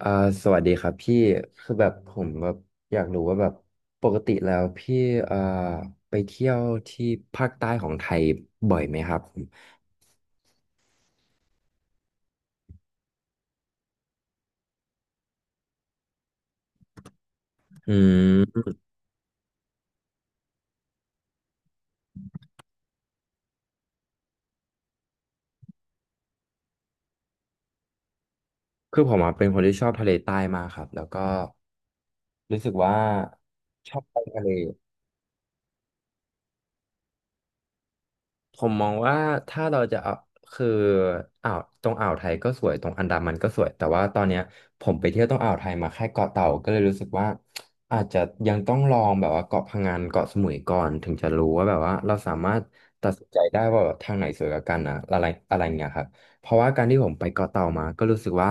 อ่าสวัสดีครับพี่คือแบบผมแบบอยากรู้ว่าแบบปกติแล้วพี่อ่าไปเที่ยวที่ภาคใต้ของไทยบ่อยไหมครับผมอืมคือผมอะเป็นคนที่ชอบทะเลใต้มากครับแล้วก็รู้สึกว่าชอบไปทะเล ผมมองว่าถ้าเราจะเอาคืออ่าวตรงอ่าวไทยก็สวยตรงอันดามันก็สวยแต่ว่าตอนเนี้ยผมไปเที่ยวตรงอ่าวไทยมาแค่เกาะเต่าก็เลยรู้สึกว่าอาจจะยังต้องลองแบบว่าเกาะพะงันเกาะสมุยก่อนถึงจะรู้ว่าแบบว่าเราสามารถตัดสินใจได้ว่าแบบทางไหนสวยกว่ากันนะอะไรอะไรเงี้ยครับเพราะว่าการที่ผมไปเกาะเต่ามาก็รู้สึกว่า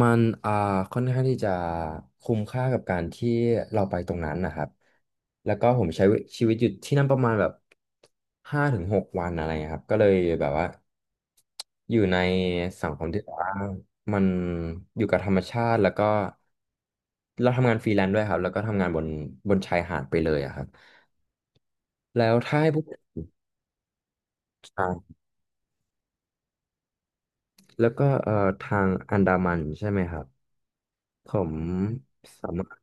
มันค่อนข้างที่จะคุ้มค่ากับการที่เราไปตรงนั้นนะครับแล้วก็ผมใช้ชีวิตอยู่ที่นั่นประมาณแบบ5 ถึง 6วันอะไรเงี้ยครับก็เลยแบบว่าอยู่ในสังคมที่แบบว่ามันอยู่กับธรรมชาติแล้วก็เราทำงานฟรีแลนซ์ด้วยครับแล้วก็ทำงานบนชายหาดไปเลยอะครับแล้วถ้าให้พูดอ่าแล้วก็ทางอันดามันใช่ไหมครับผมสามารถ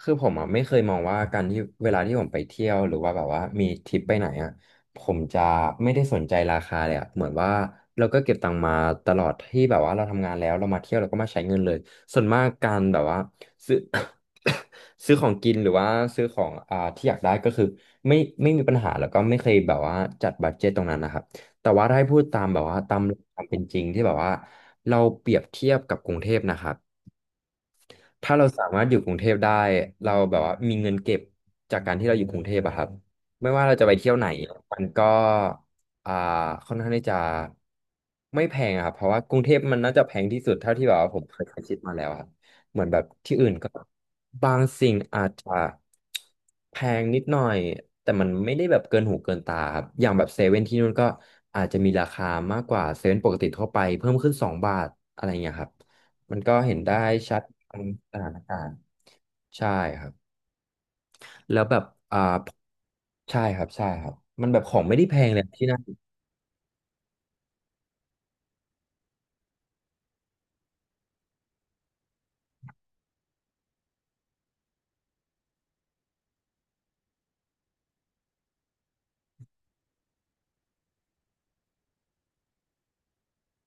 คือผมอ่ะไม่เคยมองว่าการที่เวลาที่ผมไปเที่ยวหรือว่าแบบว่ามีทริปไปไหนอ่ะผมจะไม่ได้สนใจราคาเลยอ่ะเหมือนว่าเราก็เก็บตังค์มาตลอดที่แบบว่าเราทำงานแล้วเรามาเที่ยวเราก็มาใช้เงินเลยส่วนมากการแบบว่าซื้อ ซื้อของกินหรือว่าซื้อของที่อยากได้ก็คือไม่ไม่มีปัญหาแล้วก็ไม่เคยแบบว่าจัดบัดเจ็ตตรงนั้นนะครับแต่ว่าถ้าให้พูดตามแบบว่าตามความเป็นจริงที่แบบว่าเราเปรียบเทียบกับกรุงเทพนะครับ ถ้าเราสามารถอยู่กรุงเทพได้เราแบบว่ามีเงินเก็บจากการที่เราอยู่กรุงเทพอะครับไม่ว่าเราจะไปเที่ยวไหนมันก็อ่าค่อนข้างที่จะไม่แพงอะครับเพราะว่ากรุงเทพมันน่าจะแพงที่สุดเท่าที่แบบว่าผมเคยคิดมาแล้วครับเหมือนแบบที่อื่นก็บางสิ่งอาจจะแพงนิดหน่อยแต่มันไม่ได้แบบเกินหูเกินตาครับอย่างแบบเซเว่นที่นู่นก็อาจจะมีราคามากกว่าเซเว่นปกติทั่วไปเพิ่มขึ้น2 บาทอะไรเงี้ยครับมันก็เห็นได้ชัด อันนี้สถานการณ์ใช่ครับแล้วแบบอ่าใช่ครับใช่ครับมันแบบของไม่ได้แพงเลยที่นั่น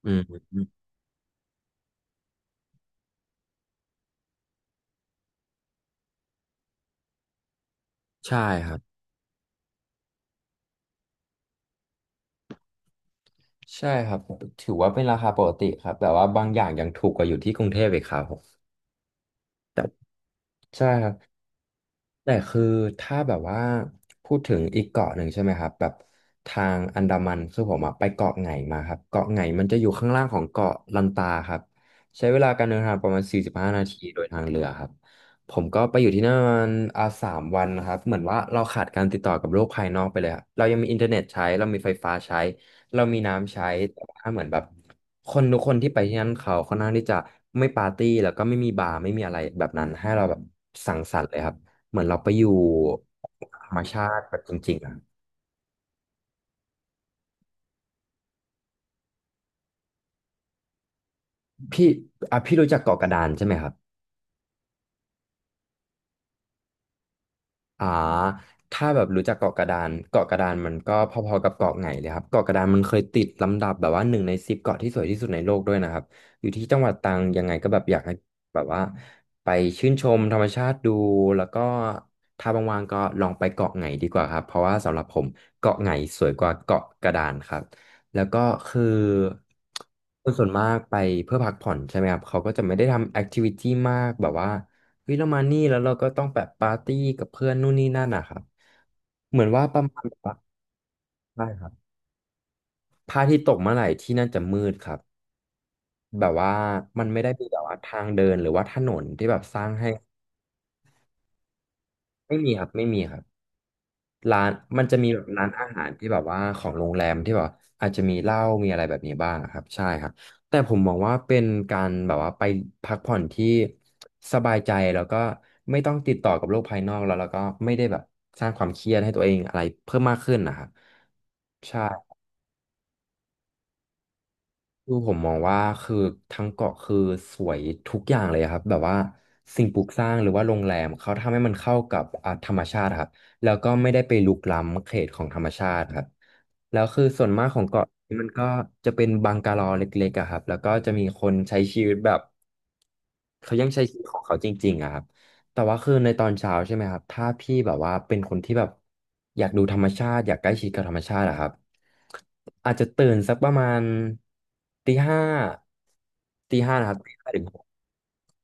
อืมอืมใช่ครับใช่ครับถือว่าเป็นราคาปกติครับแต่ว่าบางอย่างยังถูกกว่าอยู่ที่กรุงเทพอีกครับผมแต่ใช่ครับ แต่คือถ้าแบบว่าพูดถึงอีกเกาะหนึ่งใช่ไหมครับแบบทางอันดามันคือผมอะไปเกาะไหงมาครับเกาะไหงมันจะอยู่ข้างล่างของเกาะลันตาครับใช้เวลาการเดินทางประมาณ45นาทีโดยทางเรือครับผมก็ไปอยู่ที่นั่นประมาณ3 วันนะครับเหมือนว่าเราขาดการติดต่อกับโลกภายนอกไปเลยครับเรายังมีอินเทอร์เน็ตใช้เรามีไฟฟ้าใช้เรามีน้ำใช้แต่ว่าเหมือนแบบคนทุกคนที่ไปที่นั่นเขาค่อนข้างที่จะไม่ปาร์ตี้แล้วก็ไม่มีบาร์ไม่มีอะไรแบบนั้นให้เราแบบสังสรรค์เลยครับ เหมือนเราไปอยู่ธรรมชาติแบบจริงๆอ่ะพี่อ่ะพี่รู้จักเกาะกระดานใช่ไหมครับ อ่าถ้าแบบรู้จักเกาะกระดานเกาะกระดานมันก็พอๆกับเกาะไหงเลยครับเกาะกระดานมันเคยติดลำดับแบบว่า1 ใน 10เกาะที่สวยที่สุดในโลกด้วยนะครับอยู่ที่จังหวัดตรังยังไงก็แบบอยากให้แบบว่าไปชื่นชมธรรมชาติดูแล้วก็ถ้าว่างๆก็ลองไปเกาะไหงดีกว่าครับเพราะว่าสำหรับผมเกาะไหงสวยกว่าเกาะกระดานครับแล้วก็คือคนส่วนมากไปเพื่อพักผ่อนใช่ไหมครับเขาก็จะไม่ได้ทำแอคทิวิตี้มากแบบว่า เฮ้ยเรามานี่แล้วเราก็ต้องแบบปาร์ตี้กับเพื่อนนู่นนี่นั่นนะครับเหมือนว่าประมาณแบบว่าใช่ครับพระอาทิตย์ตกเมื่อไหร่ที่นั่นจะมืดครับแบบว่ามันไม่ได้มีแบบว่าทางเดินหรือว่าถนนที่แบบสร้างให้ไม่มีครับไม่มีครับ ร้านมันจะมีแบบร้านอาหารที่แบบว่าของโรงแรมที่แบบอาจจะมีเหล้ามีอะไรแบบนี้บ้างอะครับใช่ครับแต่ผมมองว่าเป็นการแบบว่าไปพักผ่อนที่สบายใจแล้วก็ไม่ต้องติดต่อกับโลกภายนอกแล้วก็ไม่ได้แบบสร้างความเครียดให้ตัวเองอะไรเพิ่มมากขึ้นนะครับใช่ คือผมมองว่าคือทั้งเกาะคือสวยทุกอย่างเลยครับแบบว่าสิ่งปลูกสร้างหรือว่าโรงแรมเขาทำให้มันเข้ากับธรรมชาติครับแล้วก็ไม่ได้ไปรุกล้ำเขตของธรรมชาติครับแล้วคือส่วนมากของเกาะนี้มันก็จะเป็นบังกะโลเล็ แต่ว่าคือในตอนเช้าใช่ไหมครับถ้าพี่แบบว่าเป็นคนที่แบบอยากดูธรรมชาติอยากใกล้ชิดกับธรรมชาติอะครับอาจจะตื่นสักประมาณตีห้าตีห้านะครับตีห้าถึงหก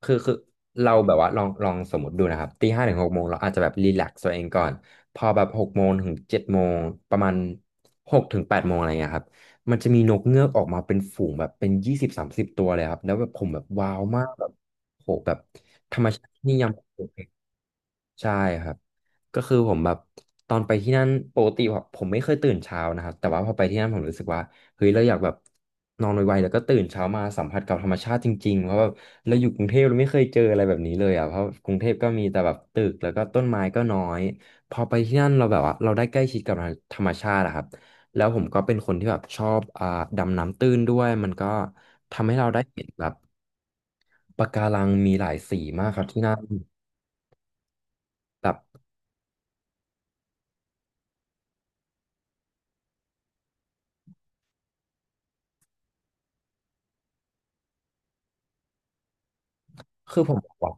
คือเราแบบว่าลองลองสมมติดูนะครับตี 5 ถึง 6 โมงเราอาจจะแบบรีแลกซ์ตัวเองก่อนพอแบบ6 โมง ถึง 7 โมงประมาณ6 ถึง 8 โมงอะไรเงี้ยครับมันจะมีนกเงือกออกมาเป็นฝูงแบบเป็น20-30ตัวเลยครับแล้วแบบผมแบบว้าวมากแบบโหแบบ ธรรมชาติที่นี่ยังโอเคใช่ครับ ก็คือผมแบบตอนไปที่นั่นปกติผมไม่เคยตื่นเช้านะครับแต่ว่าพอไปที่นั่นผมรู้สึกว่าเฮ้ยเราอยากแบบนอนไวๆแล้วก็ตื่นเช้ามาสัมผัสกับธรรมชาติจริงๆเพราะแบบเราอยู่กรุงเทพเราไม่เคยเจออะไรแบบนี้เลยอ่ะเพราะกรุงเทพก็มีแต่แบบตึกแล้วก็ต้นไม้ก็น้อย พอไปที่นั่นเราแบบว่าเราได้ใกล้ชิดกับธรรมชาติอะครับ แล้วผมก็เป็นคนที่แบบชอบดำน้ำตื้นด้วยมันก็ทำให้เราได้เห็นแบบปะการังมีหลายสีมากครับที่นั่นแบบคือผมบอกว่า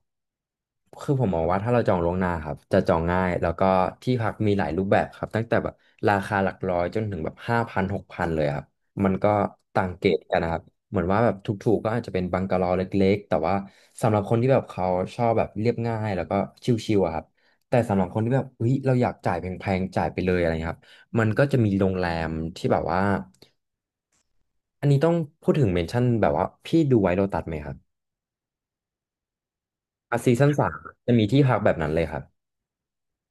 คือผมมองว่าถ้าเราจองล่วงหน้าครับจะจองง่ายแล้วก็ที่พักมีหลายรูปแบบครับตั้งแต่แบบราคาหลักร้อยจนถึงแบบ5,000-6,000เลยครับมันก็ต่างเกรดกันนะครับเหมือนว่าแบบถูกๆก็อาจจะเป็นบังกะโลเล็กๆแต่ว่าสำหรับคนที่แบบเขาชอบแบบเรียบง่ายแล้วก็ชิลๆอะครับแต่สำหรับคนที่แบบเฮ้ยเราอยากจ่ายแพงๆจ่ายไปเลยอะไรเงี้ยครับมันก็จะมีโรงแรมที่แบบว่าอันนี้ต้องพูดถึงเมนชั่นแบบว่าพี่ดูไว้โลตัสไหมครับอ่ะซีซั่นสามจะมีที่พักแบบนั้นเลยครับ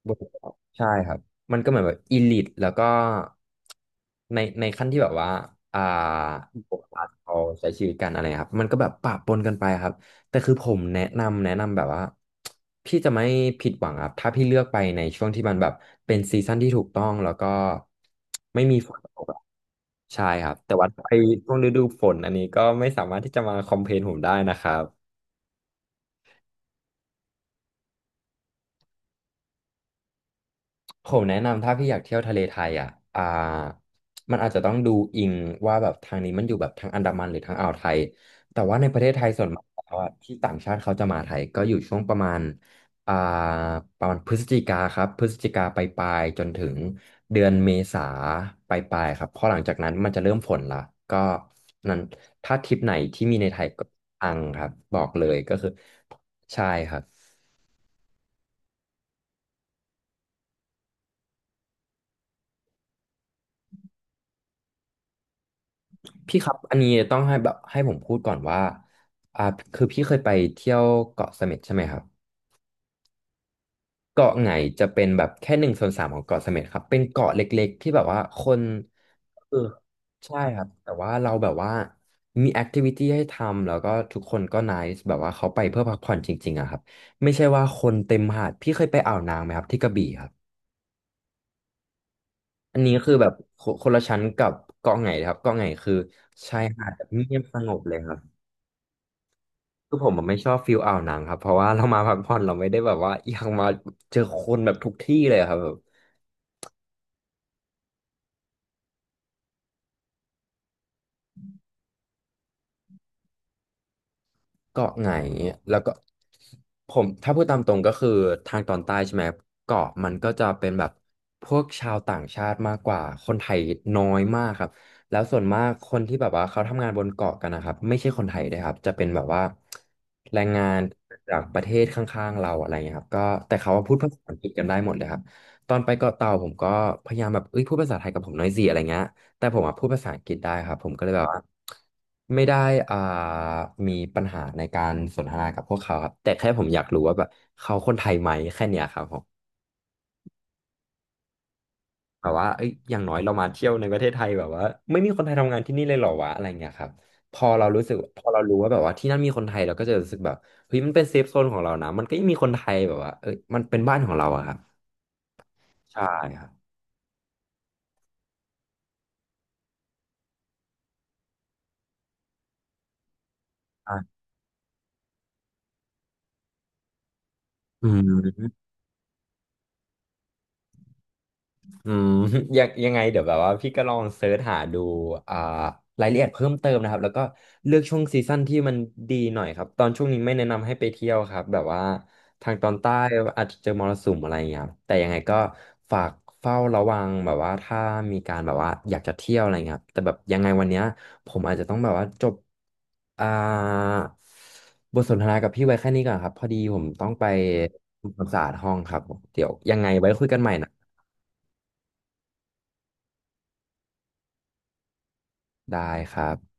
บนเขาใช่ครับ มันก็เหมือนแบบอีลิตแล้วก็ในขั้นที่แบบว่าอ่าปกติเขาใช้ชีวิตกันอะไรครับมันก็แบบปะปนกันไปครับแต่คือผมแนะนำแบบว่าพี่จะไม่ผิดหวังครับถ้าพี่เลือกไปในช่วงที่มันแบบเป็นซีซั่นที่ถูกต้องแล้วก็ไม่มีฝนตกอะใช่ครับแต่ว่าไปช่วงฤดูฝนอันนี้ก็ไม่สามารถที่จะมาคอมเพลนผมได้นะครับ ผมแนะนำถ้าพี่อยากเที่ยวทะเลไทยอ่ะอ่ามันอาจจะต้องดูอิงว่าแบบทางนี้มันอยู่แบบทางอันดามันหรือทางอ่าวไทย แต่ว่าในประเทศไทยส่วนมากแล้วอะที่ต่างชาติเขาจะมาไทยก็อยู่ช่วงอ่าประมาณพฤศจิกาครับพฤศจิกาไปปลายๆจนถึงเดือนเมษาไปปลายๆครับเพราะหลังจากนั้นมันจะเริ่มฝนละก็นั้นถ้าทริปไหนที่มีในไทยก็อังครับบอกเลยก็คือใช่ครับ พี่ครับอันนี้ต้องให้แบบให้ผมพูดก่อนว่าอ่าคือพี่เคยไปเที่ยวเกาะเสม็ดใช่ไหมครับเกาะไหงจะเป็นแบบแค่1/3ของเกาะเสม็ดครับเป็นเกาะเล็กๆที่แบบว่าคนเออใช่ครับแต่ว่าเราแบบว่ามีแอคทิวิตี้ให้ทำแล้วก็ทุกคนก็ไนซ์แบบว่าเขาไปเพื่อพักผ่อนจริงๆอะครับไม่ใช่ว่าคนเต็มหาดพี่เคยไปอ่าวนางไหมครับที่กระบี่ครับอันนี้คือแบบคนคนละชั้นกับเกาะไหนครับเกาะไหงคือชายหาดแบบเงียบสงบเลยครับ คือผมมันไม่ชอบฟิลอ่าวนางครับเพราะว่าเรามาพักผ่อนเราไม่ได้แบบว่าอยากมาเจอคนแบบทุกที่เลยครับ เกาะไหนแล้วก็ผมถ้าพูดตามตรงก็คือทางตอนใต้ใช่ไหมเกาะมันก็จะเป็นแบบพวกชาวต่างชาติมากกว่าคนไทยน้อยมากครับแล้วส่วนมากคนที่แบบว่าเขาทำงานบนเกาะกันนะครับไม่ใช่คนไทยด้วยครับจะเป็นแบบว่าแรงงานจากประเทศข้างๆเราอะไรเงี้ยครับก็แต่เขาว่าพูดภาษาอังกฤษกันได้หมดเลยครับตอนไปเกาะเต่าผมก็พยายามแบบเอ้ยพูดภาษาไทยกับผมหน่อยสิอะไรเงี้ย แต่ผมอะพูดภาษาอังกฤษได้ครับผมก็เลยแบบว่าไม่ได้อ่ามีปัญหาในการสนทนากับพวกเขาครับแต่แค่ผมอยากรู้ว่าแบบเขาคนไทยไหมแค่เนี้ยครับผมแบบว่าเอ้ยอย่างน้อยเรามาเที่ยวในประเทศไทยแบบว่าไม่มีคนไทยทำงานที่นี่เลยเหรอวะอะไรเงี้ยครับพอเรารู้สึกพอเรารู้ว่าแบบว่าที่นั่นมีคนไทยเราก็จะรู้สึกแบบเฮ้ยมันเป็นเซฟโซนของเรานะมันก็ยังมีคนไทยแบบว่าเอ้ยมันเป็นบ้านของเราอะครับใช่ครับอ่ะอืม อืม ยังยังไงเดี๋ยวแบบว่าพี่ก็ลองเสิร์ชหาดูอ่ารายละเอียดเพิ่มเติมนะครับแล้วก็เลือกช่วงซีซั่นที่มันดีหน่อยครับตอนช่วงนี้ไม่แนะนำให้ไปเที่ยวครับแบบว่าทางตอนใต้อาจจะเจอมรสุมอะไรอย่างเงี้ยครับแต่ยังไงก็ฝากเฝ้าระวังแบบว่าถ้ามีการแบบว่าอยากจะเที่ยวอะไรเงี้ยครับแต่แบบยังไงวันเนี้ยผมอาจจะต้องแบบว่าจบอ่าบทสนทนากับพี่ไว้แค่นี้ก่อนครับพอดีผมต้องไปทำความสะอาดห้องครับผมเดี๋ยวยังไงไว้คุยกันใหม่นะได้ครับ